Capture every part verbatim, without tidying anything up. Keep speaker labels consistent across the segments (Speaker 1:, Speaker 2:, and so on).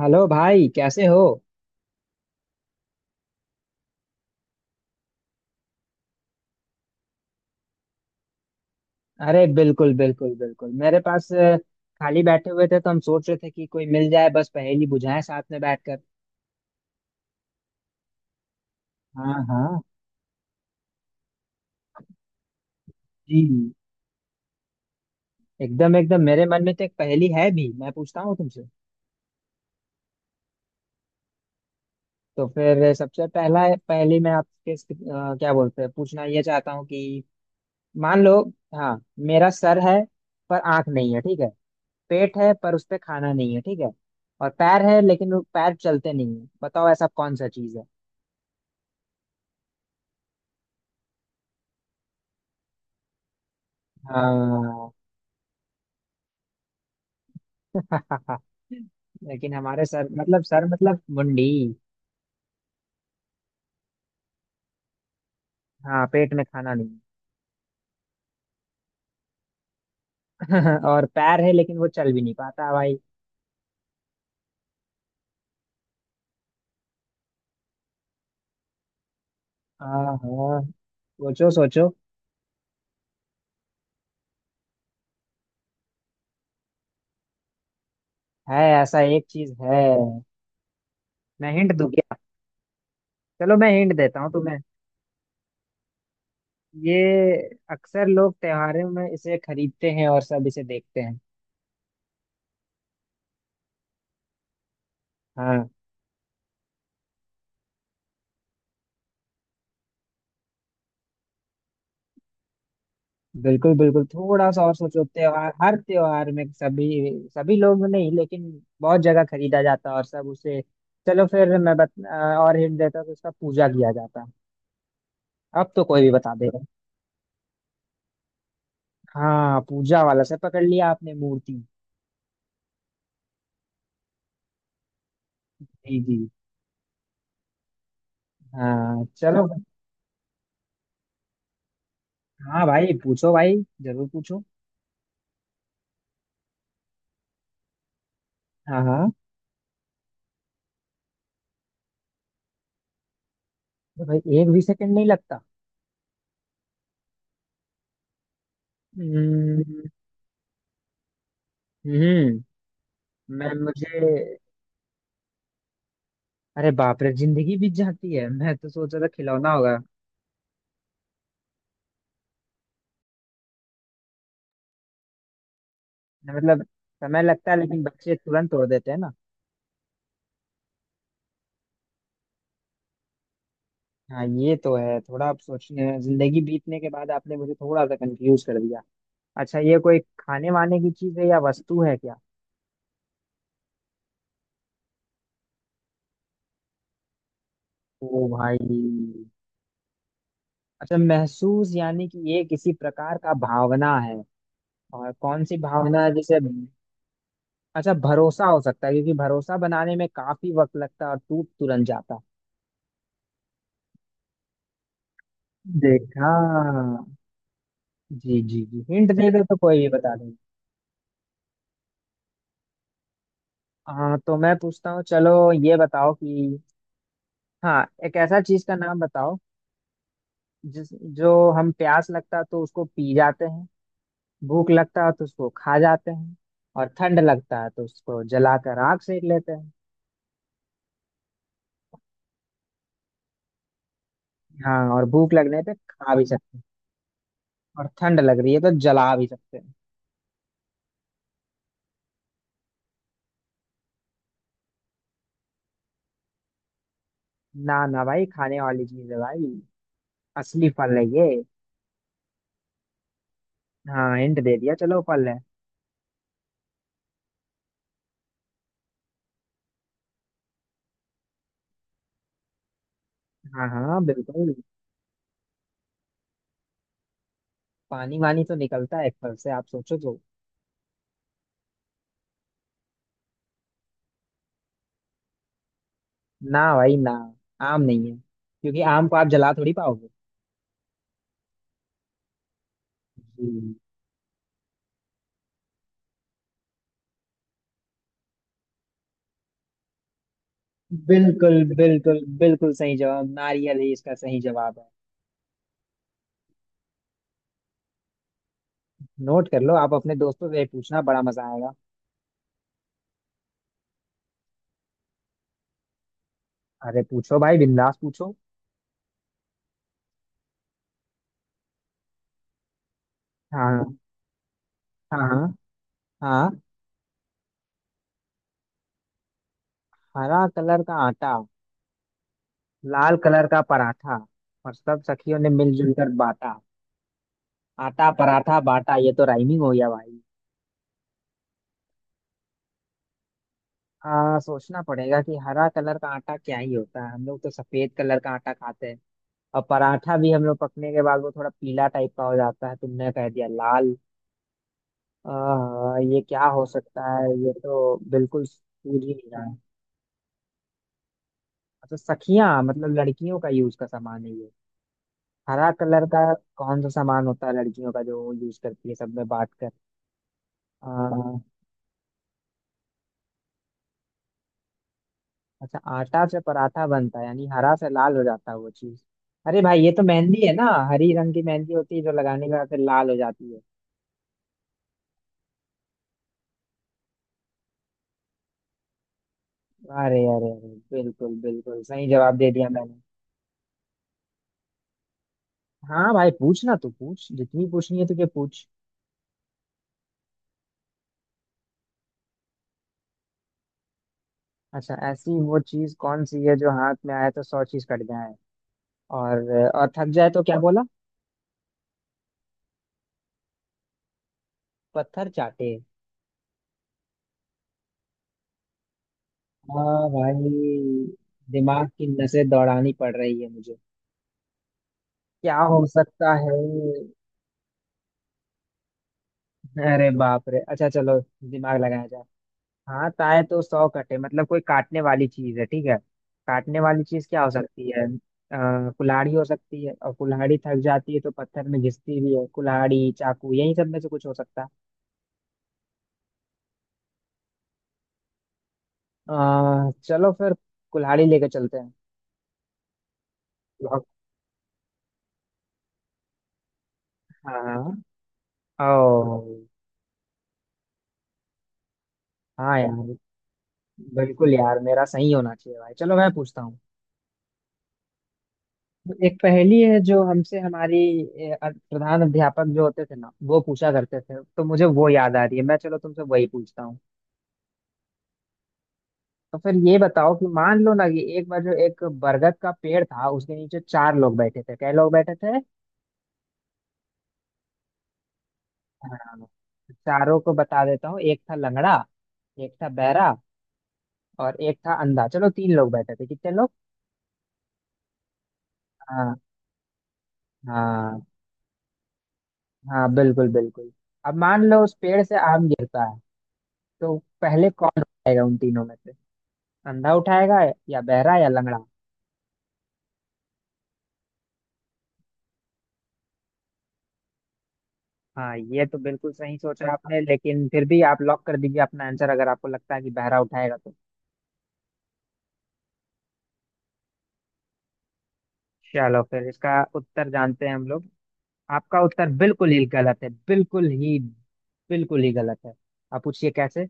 Speaker 1: Hello भाई, कैसे हो। अरे बिल्कुल बिल्कुल बिल्कुल मेरे पास अ, खाली बैठे हुए थे तो हम सोच रहे थे कि कोई मिल जाए, बस पहेली बुझाएं साथ में बैठकर। हाँ हाँ। जी। एकदम एकदम मेरे मन में तो एक पहेली है भी, मैं पूछता हूँ तुमसे। तो फिर सबसे पहला पहेली मैं आपके अ, क्या बोलते हैं, पूछना ये चाहता हूँ कि मान लो। हाँ। मेरा सर है पर आंख नहीं है, ठीक है। पेट है पर उस पे खाना नहीं है, ठीक है। और पैर है लेकिन वो पैर चलते नहीं है। बताओ ऐसा कौन सा चीज है। हाँ। लेकिन हमारे सर मतलब सर मतलब मुंडी। हाँ, पेट में खाना नहीं। और पैर है लेकिन वो चल भी नहीं पाता भाई। हाँ हाँ, सोचो सोचो। है, ऐसा एक चीज है। मैं हिंट दूं क्या? चलो मैं हिंट देता हूँ तुम्हें। ये अक्सर लोग त्योहारों में इसे खरीदते हैं और सब इसे देखते हैं। हाँ। बिल्कुल बिल्कुल थोड़ा सा और सोचो। त्योहार, हर त्योहार में सभी सभी लोग नहीं लेकिन बहुत जगह खरीदा जाता है और सब उसे। चलो फिर मैं बत, अ, और हिंट देता हूँ कि उसका पूजा किया जाता है। अब तो कोई भी बता देगा। हाँ, पूजा वाला से पकड़ लिया आपने, मूर्ति। जी जी। हाँ चलो। हाँ भाई पूछो भाई, जरूर पूछो। हाँ हाँ, अरे भाई एक भी सेकंड नहीं लगता। हम्म। हम्म, मैं मुझे, अरे बाप रे, जिंदगी बीत जाती है, मैं तो सोच रहा था खिलौना होगा। मतलब समय लगता है लेकिन बच्चे तुरंत तोड़ देते हैं ना। हाँ ये तो है, थोड़ा आप सोचने, जिंदगी बीतने के बाद आपने मुझे थोड़ा सा कंफ्यूज कर दिया। अच्छा ये कोई खाने वाने की चीज है या वस्तु है क्या? ओ भाई। अच्छा, महसूस यानी कि ये किसी प्रकार का भावना है। और कौन सी भावना है जैसे? अच्छा, भरोसा हो सकता है क्योंकि भरोसा बनाने में काफी वक्त लगता है और टूट तुरंत जाता। देखा। जी जी जी, हिंट दे दो तो कोई भी बता। हाँ तो मैं पूछता हूँ, चलो ये बताओ कि हाँ एक ऐसा चीज का नाम बताओ जिस जो हम प्यास लगता है तो उसको पी जाते हैं, भूख लगता है तो उसको खा जाते हैं, और ठंड लगता है तो उसको जलाकर आग सेक लेते हैं। हाँ और भूख लगने पे खा भी सकते हैं। और ठंड लग रही है तो जला भी सकते हैं। ना ना भाई, खाने वाली चीज है भाई, असली फल है ये। हाँ हिंट दे दिया, चलो फल है। हाँ हाँ बिल्कुल, पानी वानी तो निकलता है एक फल से, आप सोचो तो। ना भाई ना, आम नहीं है क्योंकि आम को आप जला थोड़ी पाओगे। जी। बिल्कुल बिल्कुल बिल्कुल सही जवाब, नारियल ही इसका सही जवाब है। नोट कर लो, आप अपने दोस्तों से पूछना बड़ा मजा आएगा। अरे पूछो भाई, बिंदास पूछो। हाँ हाँ हाँ हाँ। हरा कलर का आटा, लाल कलर का पराठा, और सब सखियों ने मिलजुल कर बांटा। आटा पराठा बाटा, ये तो राइमिंग हो गया भाई। आ, सोचना पड़ेगा कि हरा कलर का आटा क्या ही होता है, हम लोग तो सफेद कलर का आटा खाते हैं। और पराठा भी हम लोग पकने के बाद वो थोड़ा पीला टाइप का हो जाता है, तुमने कह दिया लाल। आह, ये क्या हो सकता है, ये तो बिल्कुल सूझ ही नहीं रहा है। अच्छा, सखियां मतलब लड़कियों का यूज का सामान है ये, हरा कलर का। कौन सा सामान होता है लड़कियों का जो यूज करती है सब में बांट कर? आह, अच्छा, आटा से पराठा बनता है यानी हरा से लाल हो जाता है वो चीज। अरे भाई, ये तो मेहंदी है ना। हरी रंग की मेहंदी होती है जो लगाने के बाद फिर लाल हो जाती है। अरे अरे अरे, बिल्कुल बिल्कुल सही जवाब दे दिया मैंने। हाँ भाई, पूछना तो पूछ, जितनी पूछनी है तुझे पूछ। अच्छा ऐसी वो चीज कौन सी है जो हाथ में आए तो सौ चीज कट जाए, और और थक जाए तो क्या बोला? पत्थर चाटे। हाँ भाई, दिमाग की नसें दौड़ानी पड़ रही है मुझे। क्या हो सकता है? अरे बाप रे, अच्छा चलो, दिमाग लगाया जाए। हाँ, ताए तो सौ कटे मतलब कोई काटने वाली चीज है, ठीक है। काटने वाली चीज क्या हो सकती है, आ, कुल्हाड़ी हो सकती है, और कुल्हाड़ी थक जाती है तो पत्थर में घिसती भी है। कुल्हाड़ी, चाकू, यही सब में से कुछ हो सकता है। अ, चलो फिर कुल्हाड़ी लेके चलते हैं। लॉक- हाँ। ओ हाँ यार, बिल्कुल यार मेरा सही होना चाहिए भाई, चलो मैं पूछता हूँ। एक पहेली है जो हमसे हमारी ए, अ- प्रधान अध्यापक जो होते थे ना, वो पूछा करते थे, तो मुझे वो याद आ रही है, मैं चलो तुमसे वही पूछता हूँ। तो फिर ये बताओ कि मान लो ना कि एक बार जो एक बरगद का पेड़ था, उसके नीचे चार लोग बैठे थे। क्या लोग बैठे थे? हाँ, चारों को बता देता हूँ, एक था लंगड़ा, एक था बहरा, और एक था अंधा। चलो तीन लोग बैठे थे, कितने लोग। हाँ हाँ। हाँ बिल्कुल बिल्कुल। अब मान लो उस पेड़ से आम गिरता है, तो पहले कौन उठाएगा उन तीनों में से, अंधा उठाएगा या बहरा या लंगड़ा? हाँ ये तो बिल्कुल सही सोचा आपने, लेकिन फिर भी आप लॉक कर दीजिए अपना आंसर, अगर आपको लगता है कि बहरा उठाएगा तो। चलो फिर इसका उत्तर जानते हैं हम लोग। आपका उत्तर बिल्कुल ही गलत है, बिल्कुल ही बिल्कुल ही गलत है। आप पूछिए कैसे।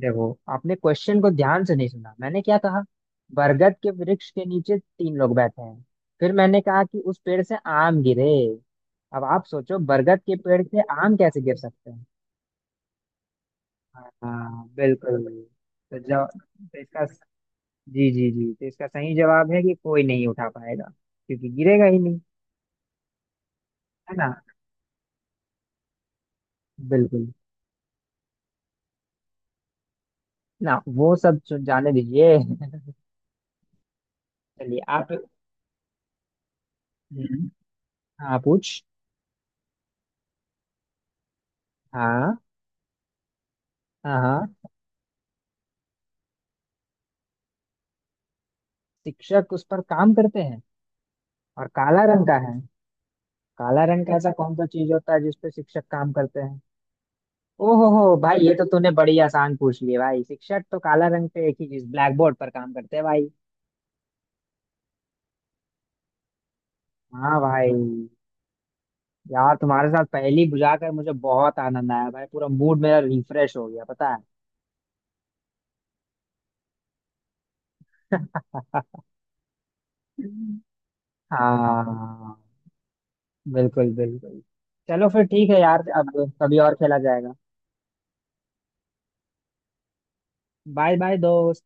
Speaker 1: देखो आपने क्वेश्चन को ध्यान से नहीं सुना, मैंने क्या कहा, बरगद के वृक्ष के नीचे तीन लोग बैठे हैं। फिर मैंने कहा कि उस पेड़ से आम गिरे। अब आप सोचो, बरगद के पेड़ से आम कैसे गिर सकते हैं? हाँ बिल्कुल। तो जब तो इसका जी जी जी, तो इसका सही जवाब है कि कोई नहीं उठा पाएगा क्योंकि गिरेगा ही नहीं। है ना। बिल्कुल। ना वो सब जो- जाने दीजिए। चलिए आप। हम्म। हाँ पूछ। हाँ हाँ हाँ, शिक्षक उस पर काम करते हैं और काला रंग का है। काला रंग का ऐसा कौन सा चीज होता है जिस पे शिक्षक काम करते हैं? ओ हो हो भाई, ये तो तूने बड़ी आसान पूछ ली, भाई शिक्षक तो काला रंग पे एक ही चीज, ब्लैक बोर्ड पर काम करते हैं भाई। हाँ भाई, यार तुम्हारे साथ पहेली बुझा कर मुझे बहुत आनंद आया भाई, पूरा मूड मेरा रिफ्रेश हो गया, पता है। हाँ बिल्कुल बिल्कुल। चलो फिर ठीक है यार, अब कभी और खेला जाएगा। बाय बाय दोस्त।